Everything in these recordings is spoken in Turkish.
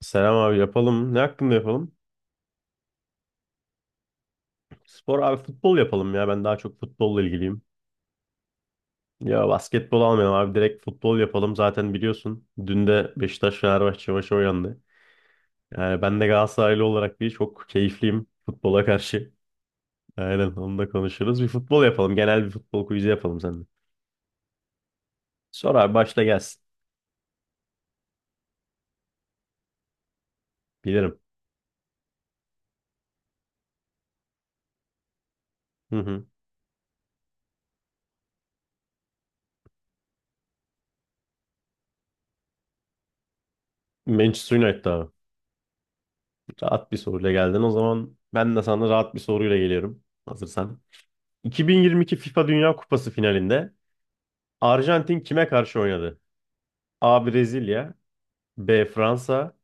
Selam abi yapalım. Ne hakkında yapalım? Spor abi futbol yapalım ya. Ben daha çok futbolla ilgiliyim. Ya basketbol almayalım abi. Direkt futbol yapalım. Zaten biliyorsun. Dün de Beşiktaş Fenerbahçe maçı oynandı. Yani ben de Galatasaraylı olarak bir çok keyifliyim futbola karşı. Aynen onu da konuşuruz. Bir futbol yapalım. Genel bir futbol quiz'i yapalım seninle. Sor abi başla gelsin. Bilirim. Hı hı. Manchester United abi. Rahat bir soruyla geldin. O zaman ben de sana rahat bir soruyla geliyorum. Hazırsan. 2022 FIFA Dünya Kupası finalinde Arjantin kime karşı oynadı? A. Brezilya, B. Fransa,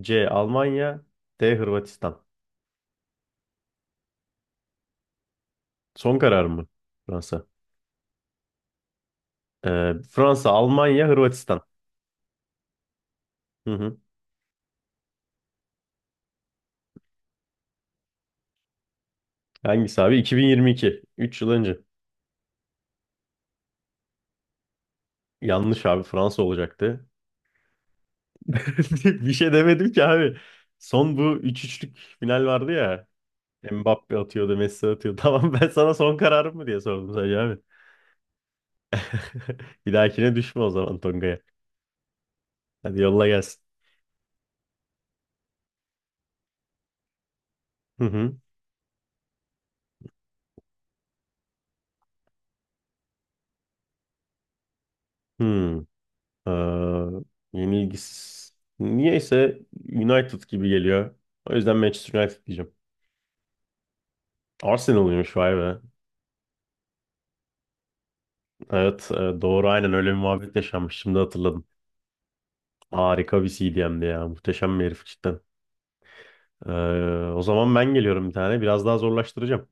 C. Almanya, D. Hırvatistan. Son karar mı? Fransa. Fransa, Almanya, Hırvatistan. Hı hı. Hangisi abi? 2022. Üç yıl önce. Yanlış abi Fransa olacaktı. Bir şey demedim ki abi. Son bu üç üçlük final vardı ya. Mbappe atıyordu, Messi atıyordu. Tamam ben sana son kararım mı diye sordum sadece abi. Bir dahakine düşme o zaman Tonga'ya. Hadi yolla gelsin. Hı hı. Hı. Ee, yenilgisiz. Niyeyse United gibi geliyor. O yüzden Manchester United diyeceğim. Arsenal'ıymış vay be. Evet, doğru aynen öyle bir muhabbet yaşanmış. Şimdi hatırladım. Harika bir CDM'di ya. Muhteşem bir herif cidden. Ee, o zaman ben geliyorum bir tane. Biraz daha zorlaştıracağım.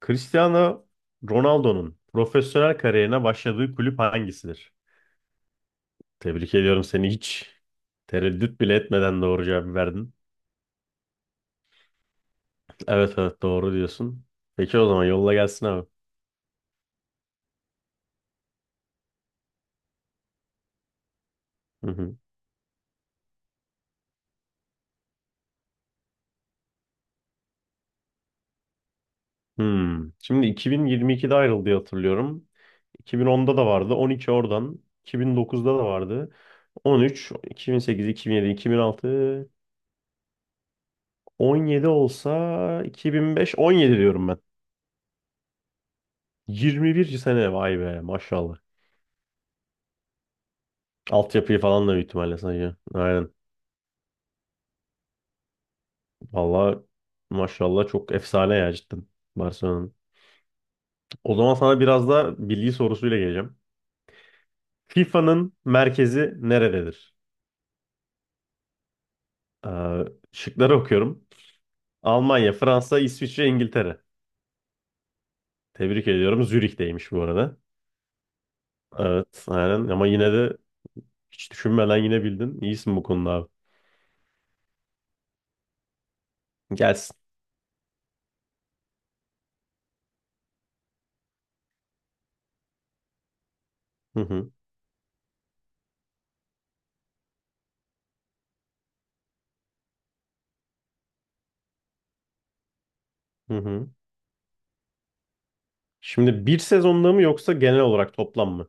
Cristiano Ronaldo'nun profesyonel kariyerine başladığı kulüp hangisidir? Tebrik ediyorum seni, hiç tereddüt bile etmeden doğru cevabı verdin. Evet evet, doğru diyorsun. Peki o zaman yolla gelsin abi. Hı hı. Hmm. Şimdi 2022'de ayrıldı diye hatırlıyorum. 2010'da da vardı. 12 oradan. 2009'da da vardı. 13, 2008, 2007, 2006, 17 olsa 2005, 17 diyorum ben. 21 sene vay be maşallah. Altyapıyı falan da büyük ihtimalle sayıyor. Aynen. Valla maşallah çok efsane ya cidden Barcelona'nın. O zaman sana biraz da bilgi sorusuyla geleceğim. FIFA'nın merkezi nerededir? Ee, şıkları okuyorum. Almanya, Fransa, İsviçre, İngiltere. Tebrik ediyorum. Zürih'teymiş bu arada. Evet, aynen. Ama yine de hiç düşünmeden yine bildin. İyisin bu konuda abi. Gelsin. Hı hı, hı hı. Şimdi bir sezonda mı yoksa genel olarak toplam mı?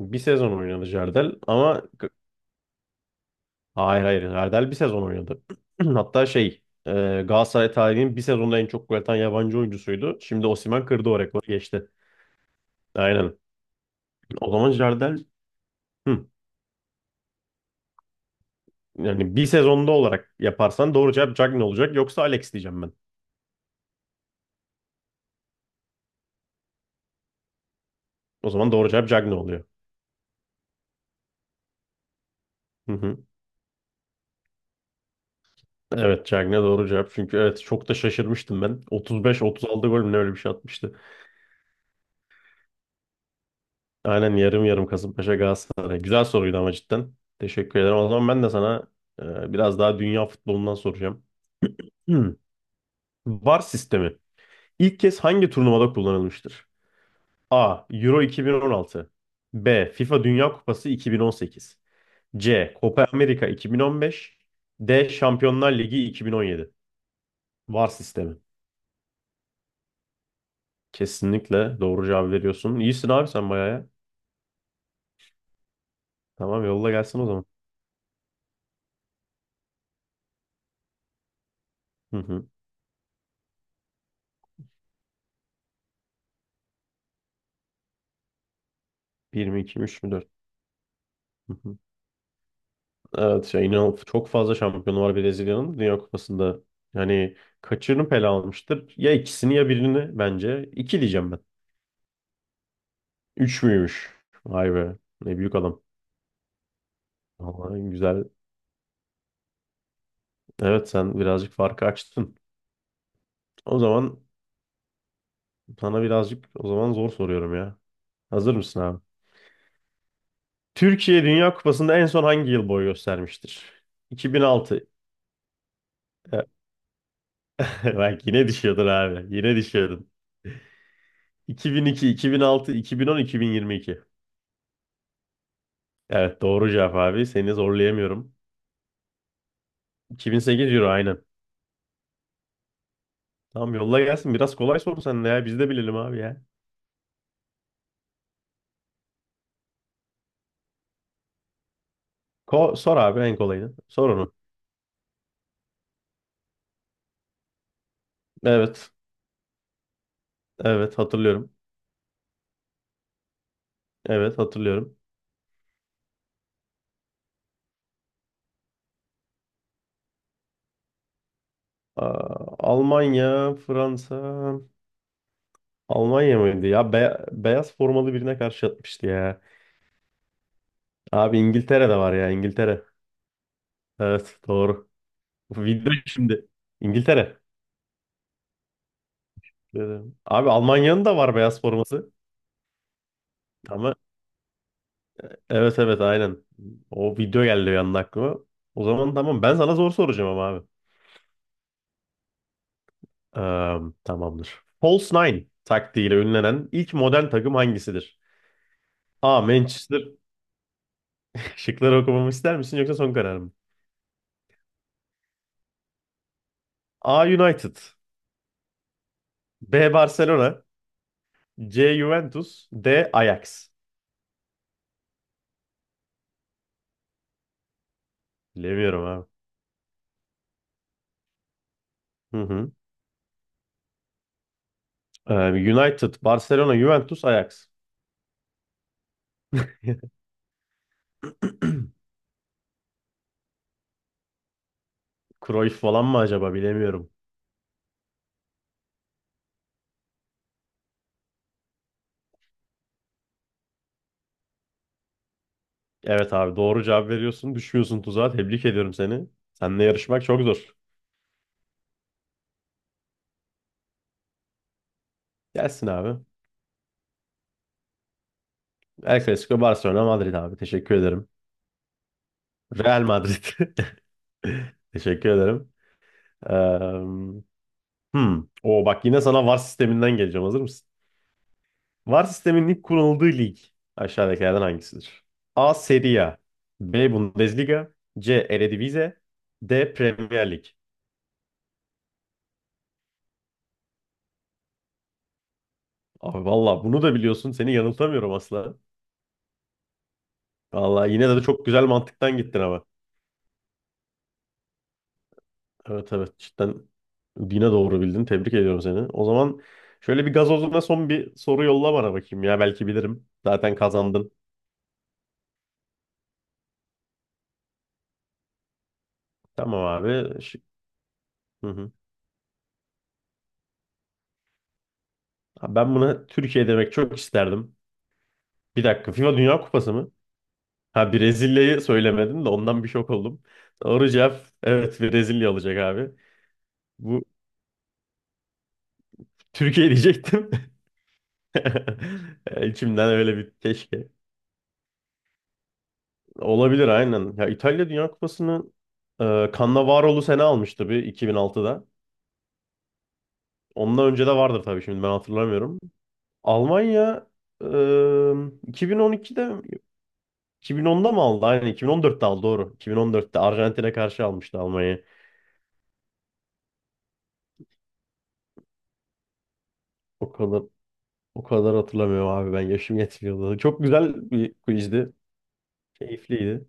Bir sezon oynadı Jardel ama hayır hayır, Jardel bir sezon oynadı. Hatta Galatasaray tarihinin bir sezonda en çok gol atan yabancı oyuncusuydu. Şimdi Osimhen kırdı o rekoru geçti. Aynen. O zaman Jardel. Hı. Yani bir sezonda olarak yaparsan doğru cevap Cagney olacak. Yoksa Alex diyeceğim ben. O zaman doğru cevap Cagney oluyor. Hı hı. Evet Cagney doğru cevap. Çünkü evet çok da şaşırmıştım ben. 35-36 gol mü ne, öyle bir şey atmıştı. Aynen yarım yarım Kasımpaşa Galatasaray. Güzel soruydu ama cidden. Teşekkür ederim. O zaman ben de sana biraz daha dünya futbolundan soracağım. Hmm. VAR sistemi. İlk kez hangi turnuvada kullanılmıştır? A. Euro 2016, B. FIFA Dünya Kupası 2018, C. Copa America 2015, D. Şampiyonlar Ligi 2017. VAR sistemi. Kesinlikle doğru cevap veriyorsun. İyisin abi sen bayağı ya. Tamam yolla gelsin o zaman. Hı hı. 1 mi 2 mi 3 mü 4? Hı hı. Evet şey, inan çok fazla şampiyonu var Brezilya'nın Dünya Kupası'nda. Yani kaçını pele almıştır? Ya ikisini ya birini bence. İki diyeceğim ben. 3 müymüş? Vay be. Ne büyük adam. Vallahi güzel. Evet sen birazcık farkı açtın. O zaman sana birazcık o zaman zor soruyorum ya. Hazır mısın abi? Türkiye Dünya Kupası'nda en son hangi yıl boy göstermiştir? 2006. Bak yine düşüyordun abi. Yine düşüyordun. 2002, 2006, 2010, 2022. Evet doğru cevap abi. Seni zorlayamıyorum. 2008 Euro aynen. Tamam yolla gelsin. Biraz kolay sor sen de ya. Biz de bilelim abi ya. Sor abi en kolayını. Sor onu. Evet. Evet hatırlıyorum. Evet hatırlıyorum. Aa, Almanya, Fransa. Almanya mıydı? Ya, beyaz formalı birine karşı atmıştı ya. Abi İngiltere'de var ya, İngiltere. Evet doğru. Video şimdi. İngiltere. Dedim. Abi Almanya'nın da var beyaz forması. Tamam. Evet evet aynen. O video geldi bir anda aklıma. O zaman tamam, ben sana zor soracağım ama abi. Tamamdır. False Nine taktiğiyle ünlenen ilk modern takım hangisidir? A. Manchester. Şıkları okumamı ister misin yoksa son karar mı? A. United, B. Barcelona, C. Juventus, D. Ajax. Bilemiyorum abi. Hı hı. Ee, United, Barcelona, Juventus, Ajax. Cruyff falan mı acaba, bilemiyorum. Evet abi doğru cevap veriyorsun. Düşmüyorsun tuzağa. Tebrik ediyorum seni. Seninle yarışmak çok zor. Gelsin abi. El Clasico Barcelona Madrid abi. Teşekkür ederim. Real Madrid. Teşekkür ederim. Ee, hmm. O bak yine sana VAR sisteminden geleceğim. Hazır mısın? VAR sisteminin ilk kurulduğu lig aşağıdakilerden hangisidir? A. Serie A, B. Bundesliga, C. Eredivisie, D. Premier Lig. Abi valla bunu da biliyorsun. Seni yanıltamıyorum asla. Valla yine de çok güzel mantıktan gittin ama. Evet evet cidden yine doğru bildin. Tebrik ediyorum seni. O zaman şöyle bir gazozuna son bir soru yolla bana bakayım ya. Belki bilirim. Zaten kazandın. Tamam abi. Şık- Hı hı. Abi ben buna Türkiye demek çok isterdim. Bir dakika. FIFA Dünya Kupası mı? Ha, Brezilya'yı söylemedin de ondan bir şok oldum. Doğru cevap, evet Brezilya olacak abi. Bu Türkiye diyecektim. E, İçimden öyle bir keşke. Olabilir aynen. Ya İtalya Dünya Kupası'nı Cannavaro'lu sene almıştı bir 2006'da. Ondan önce de vardır tabii, şimdi ben hatırlamıyorum. Almanya e, 2012'de 2010'da mı aldı? Aynen 2014'te aldı doğru. 2014'te Arjantin'e karşı almıştı Almanya'yı. O kadar O kadar hatırlamıyorum abi, ben yaşım yetmiyordu. Çok güzel bir quizdi. Keyifliydi.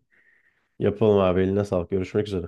Yapalım abi, eline sağlık. Görüşmek üzere.